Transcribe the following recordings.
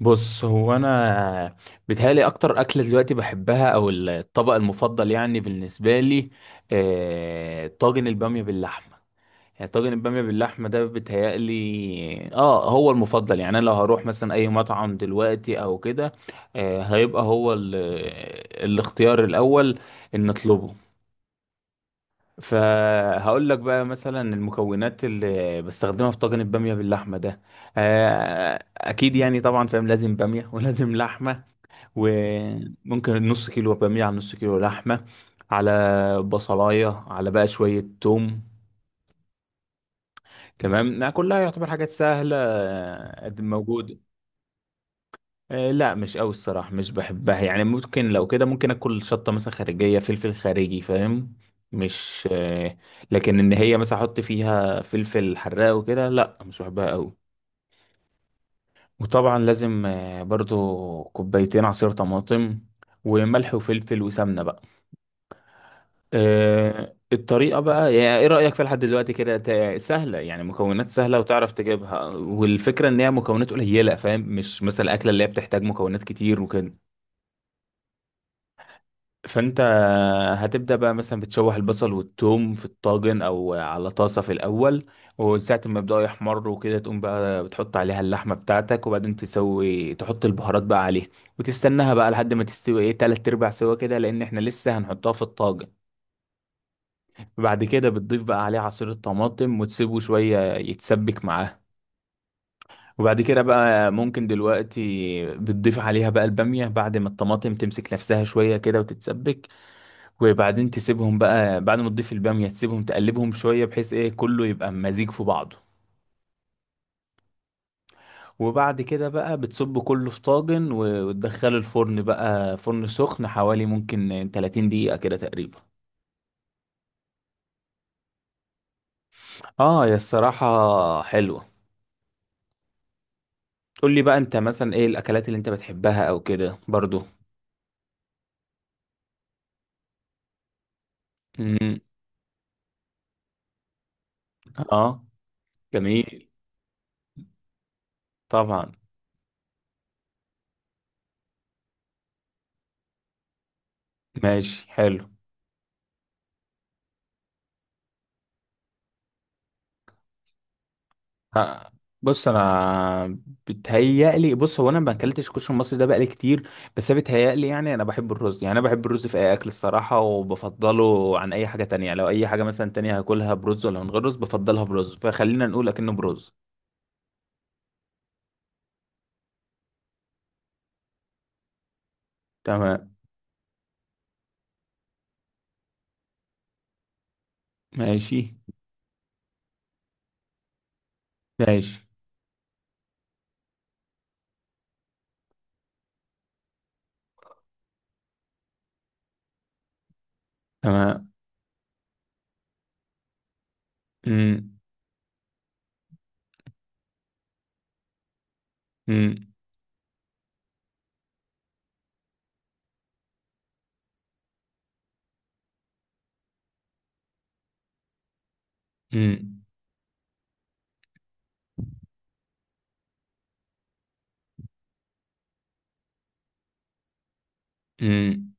بص، هو انا بيتهيألي اكتر اكله دلوقتي بحبها او الطبق المفضل يعني بالنسبه لي، طاجن الباميه باللحمه. يعني طاجن الباميه باللحمه ده بيتهيألي هو المفضل. يعني انا لو هروح مثلا اي مطعم دلوقتي او كده، هيبقى هو الاختيار الاول ان نطلبه. فهقول لك بقى مثلا المكونات اللي بستخدمها في طاجن الباميه باللحمه ده. اكيد يعني طبعا فاهم، لازم باميه ولازم لحمه. وممكن نص كيلو بامية على نص كيلو لحمة، على بصلاية، على بقى شوية توم. تمام، إنها كلها يعتبر حاجات سهلة، قد موجودة. لا، مش قوي الصراحة، مش بحبها. يعني ممكن لو كده ممكن اكل شطة مثلا خارجية، فلفل خارجي، فاهم. مش لكن ان هي مثلا احط فيها فلفل حراق وكده، لا، مش بحبها قوي. وطبعا لازم برضو كوبايتين عصير طماطم، وملح وفلفل وسمنة بقى. الطريقة بقى. يعني ايه رأيك فيها لحد دلوقتي كده؟ سهلة، يعني مكونات سهلة وتعرف تجيبها، والفكرة ان هي مكونات قليلة فاهم، مش مثلا الأكلة اللي هي بتحتاج مكونات كتير وكده. فانت هتبدأ بقى مثلا بتشوح البصل والثوم في الطاجن او على طاسة في الأول. وساعة ما يبدأوا يحمروا وكده، تقوم بقى بتحط عليها اللحمة بتاعتك، وبعدين تسوي تحط البهارات بقى عليها. وتستناها بقى لحد ما تستوي ايه، تلات ارباع سوا كده، لأن احنا لسه هنحطها في الطاجن. وبعد كده بتضيف بقى عليه عصير الطماطم، وتسيبه شوية يتسبك معاه. وبعد كده بقى ممكن دلوقتي بتضيف عليها بقى البامية، بعد ما الطماطم تمسك نفسها شوية كده وتتسبك. وبعدين تسيبهم بقى، بعد ما تضيف البامية تسيبهم تقلبهم شوية، بحيث ايه كله يبقى مزيج في بعضه. وبعد كده بقى بتصب كله في طاجن، وتدخله الفرن بقى، فرن سخن حوالي ممكن 30 دقيقة كده تقريبا. اه، يا الصراحة حلوة. قول لي بقى انت، مثلا ايه الاكلات اللي انت بتحبها او كده برضو؟ مم. اه جميل. طبعا. ماشي حلو. ها. بص انا بص، هو انا ما اكلتش كشري المصري ده بقالي كتير. بس أنا بتهيألي يعني انا بحب الرز، يعني انا بحب الرز في اي اكل الصراحه، وبفضله عن اي حاجه تانية. يعني لو اي حاجه مثلا تانية هاكلها برز ولا من غير رز، بفضلها برز، فخلينا نقول اكنه برز. تمام. ماشي. ماشي. تمام. مم. مم. مم. مم.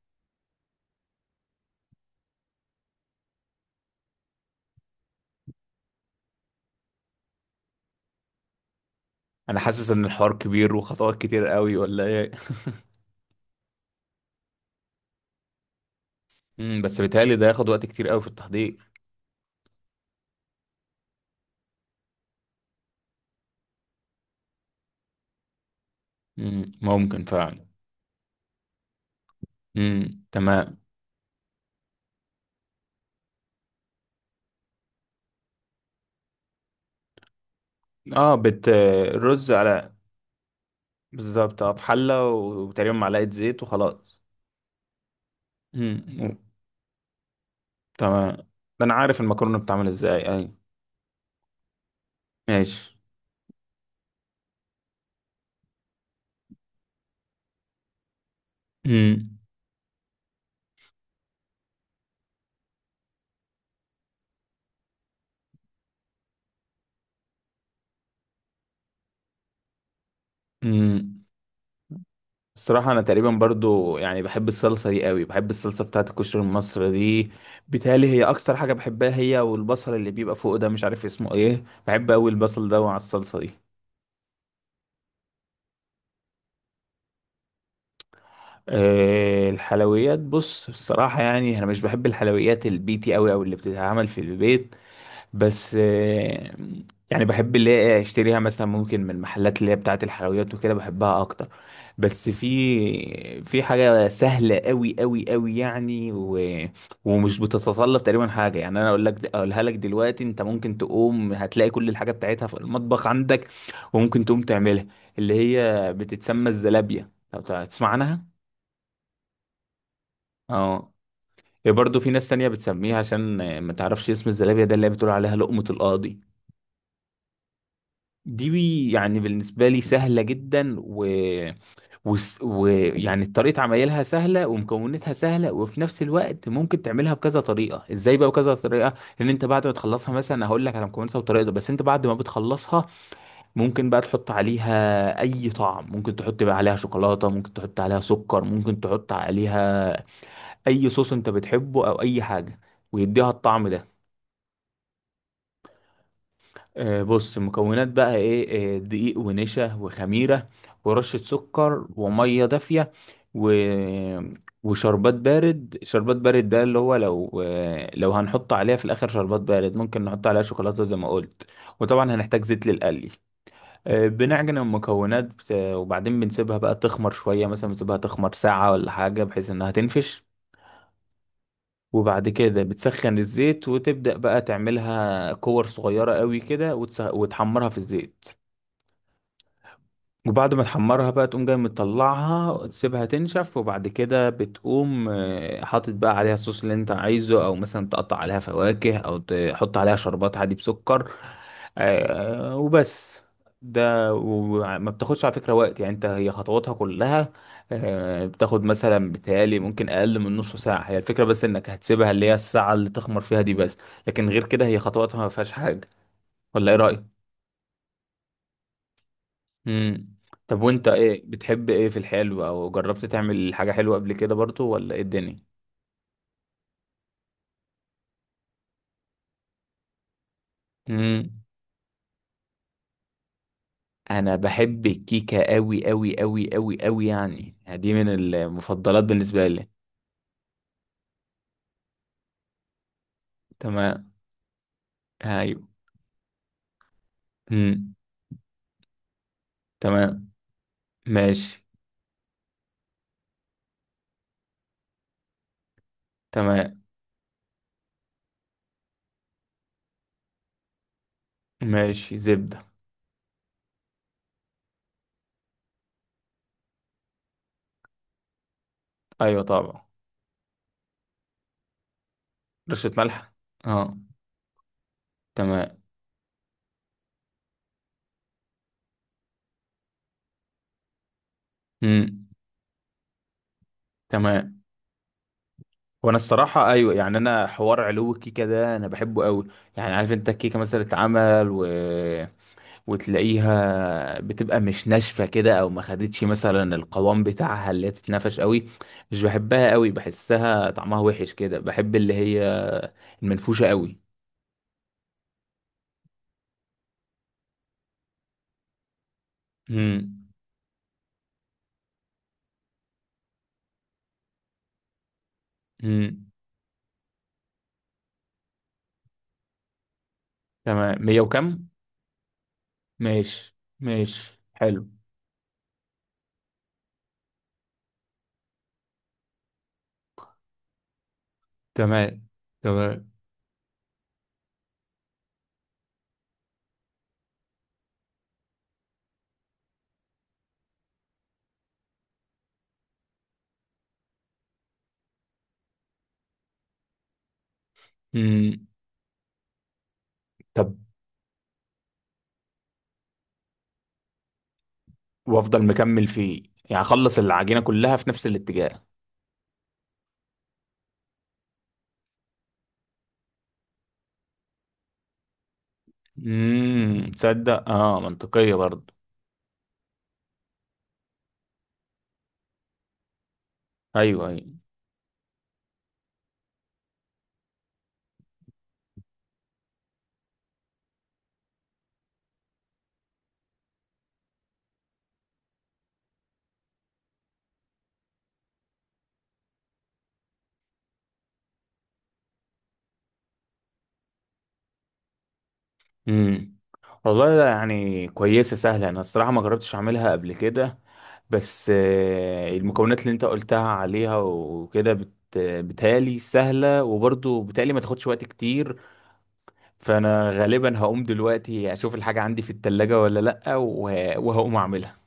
انا حاسس ان الحوار كبير وخطوات كتير قوي، ولا ايه؟ بس بيتهيألي ده ياخد وقت كتير قوي في التحضير. ممكن فعلا. امم، تمام. اه، الرز على بالظبط، اه، في حلة وتقريبا معلقة زيت وخلاص. امم، تمام. ده انا عارف المكرونة بتتعمل ازاي، اي. ماشي. امم. امم الصراحة أنا تقريبا برضو يعني بحب الصلصة دي قوي، بحب الصلصة بتاعت الكشري المصري دي. بيتهيألي هي أكتر حاجة بحبها، هي والبصل اللي بيبقى فوق ده، مش عارف اسمه ايه، بحب قوي البصل ده مع الصلصة دي. الحلويات بص، بصراحة يعني أنا مش بحب الحلويات البيتي أوي، أو اللي بتتعمل في البيت. بس، يعني بحب اللي هي أشتريها مثلا ممكن من المحلات اللي هي بتاعة الحلويات وكده، بحبها أكتر. بس في حاجة سهلة أوي أوي أوي يعني، ومش بتتطلب تقريبا حاجة. يعني أنا أقولها لك دلوقتي، أنت ممكن تقوم هتلاقي كل الحاجة بتاعتها في المطبخ عندك، وممكن تقوم تعملها. اللي هي بتتسمى الزلابية، لو تسمع عنها. اه، هي برضه في ناس تانية بتسميها، عشان ما تعرفش اسم الزلابية ده، اللي هي بتقول عليها لقمة القاضي. دي يعني بالنسبة لي سهلة جدا، و... يعني طريقة عمايلها سهلة ومكوناتها سهلة، وفي نفس الوقت ممكن تعملها بكذا طريقة. ازاي بقى بكذا طريقة؟ ان انت بعد ما تخلصها مثلا، هقول لك على مكوناتها وطريقتها، بس انت بعد ما بتخلصها، ممكن بقى تحط عليها اي طعم، ممكن تحط بقى عليها شوكولاتة، ممكن تحط عليها سكر، ممكن تحط عليها اي صوص انت بتحبه او اي حاجه، ويديها الطعم ده. بص المكونات بقى ايه. دقيق، ونشا، وخميره، ورشه سكر، وميه دافيه، و... وشربات بارد. شربات بارد ده اللي هو لو، لو هنحط عليها في الاخر شربات بارد، ممكن نحط عليها شوكولاته زي ما قلت. وطبعا هنحتاج زيت للقلي. بنعجن المكونات، وبعدين بنسيبها بقى تخمر شويه، مثلا بنسيبها تخمر ساعه ولا حاجه، بحيث انها تنفش. وبعد كده بتسخن الزيت وتبدأ بقى تعملها كور صغيرة قوي كده، وتحمرها في الزيت. وبعد ما تحمرها بقى، تقوم جاي مطلعها تسيبها تنشف، وبعد كده بتقوم حاطط بقى عليها الصوص اللي انت عايزه، او مثلا تقطع عليها فواكه، او تحط عليها شربات عادي بسكر. وبس. ده وما بتاخدش على فكرة وقت، يعني انت هي خطواتها كلها بتاخد مثلا بتهيألي ممكن اقل من نص ساعة هي الفكرة، بس انك هتسيبها اللي هي الساعة اللي تخمر فيها دي بس. لكن غير كده هي خطواتها ما فيهاش حاجة. ولا ايه رأيك؟ امم طب، وانت ايه بتحب ايه في الحلو، او جربت تعمل حاجة حلوة قبل كده برضو، ولا ايه الدنيا؟ امم انا بحب الكيكة قوي قوي قوي قوي قوي، يعني دي من المفضلات بالنسبة لي. تمام. ايوه. امم، تمام. ماشي. تمام. ماشي، زبدة. ايوه طبعا. رشة ملح. اه. تمام. امم، تمام. وانا الصراحة ايوه، يعني انا حوار علو الكيكة ده انا بحبه قوي. يعني عارف انت الكيكة مثلا اتعمل وتلاقيها بتبقى مش ناشفة كده، او ما خدتش مثلا القوام بتاعها اللي هي تتنفش قوي. مش بحبها قوي، بحسها طعمها وحش كده، بحب اللي هي المنفوشة قوي. امم. امم، تمام. مية وكم؟ ماشي. ماشي حلو. تمام. تمام. امم طب، وافضل مكمل فيه، يعني اخلص العجينة كلها في نفس الاتجاه. تصدق؟ اه، منطقية برضه. ايوه، ايوه. امم. والله لا، يعني كويسة سهلة، أنا الصراحة ما جربتش أعملها قبل كده. بس المكونات اللي أنت قلتها عليها وكده بتهيألي سهلة، وبرضه بتهيألي ما تاخدش وقت كتير. فأنا غالبا هقوم دلوقتي أشوف الحاجة عندي في التلاجة ولا لأ، وهقوم أعملها.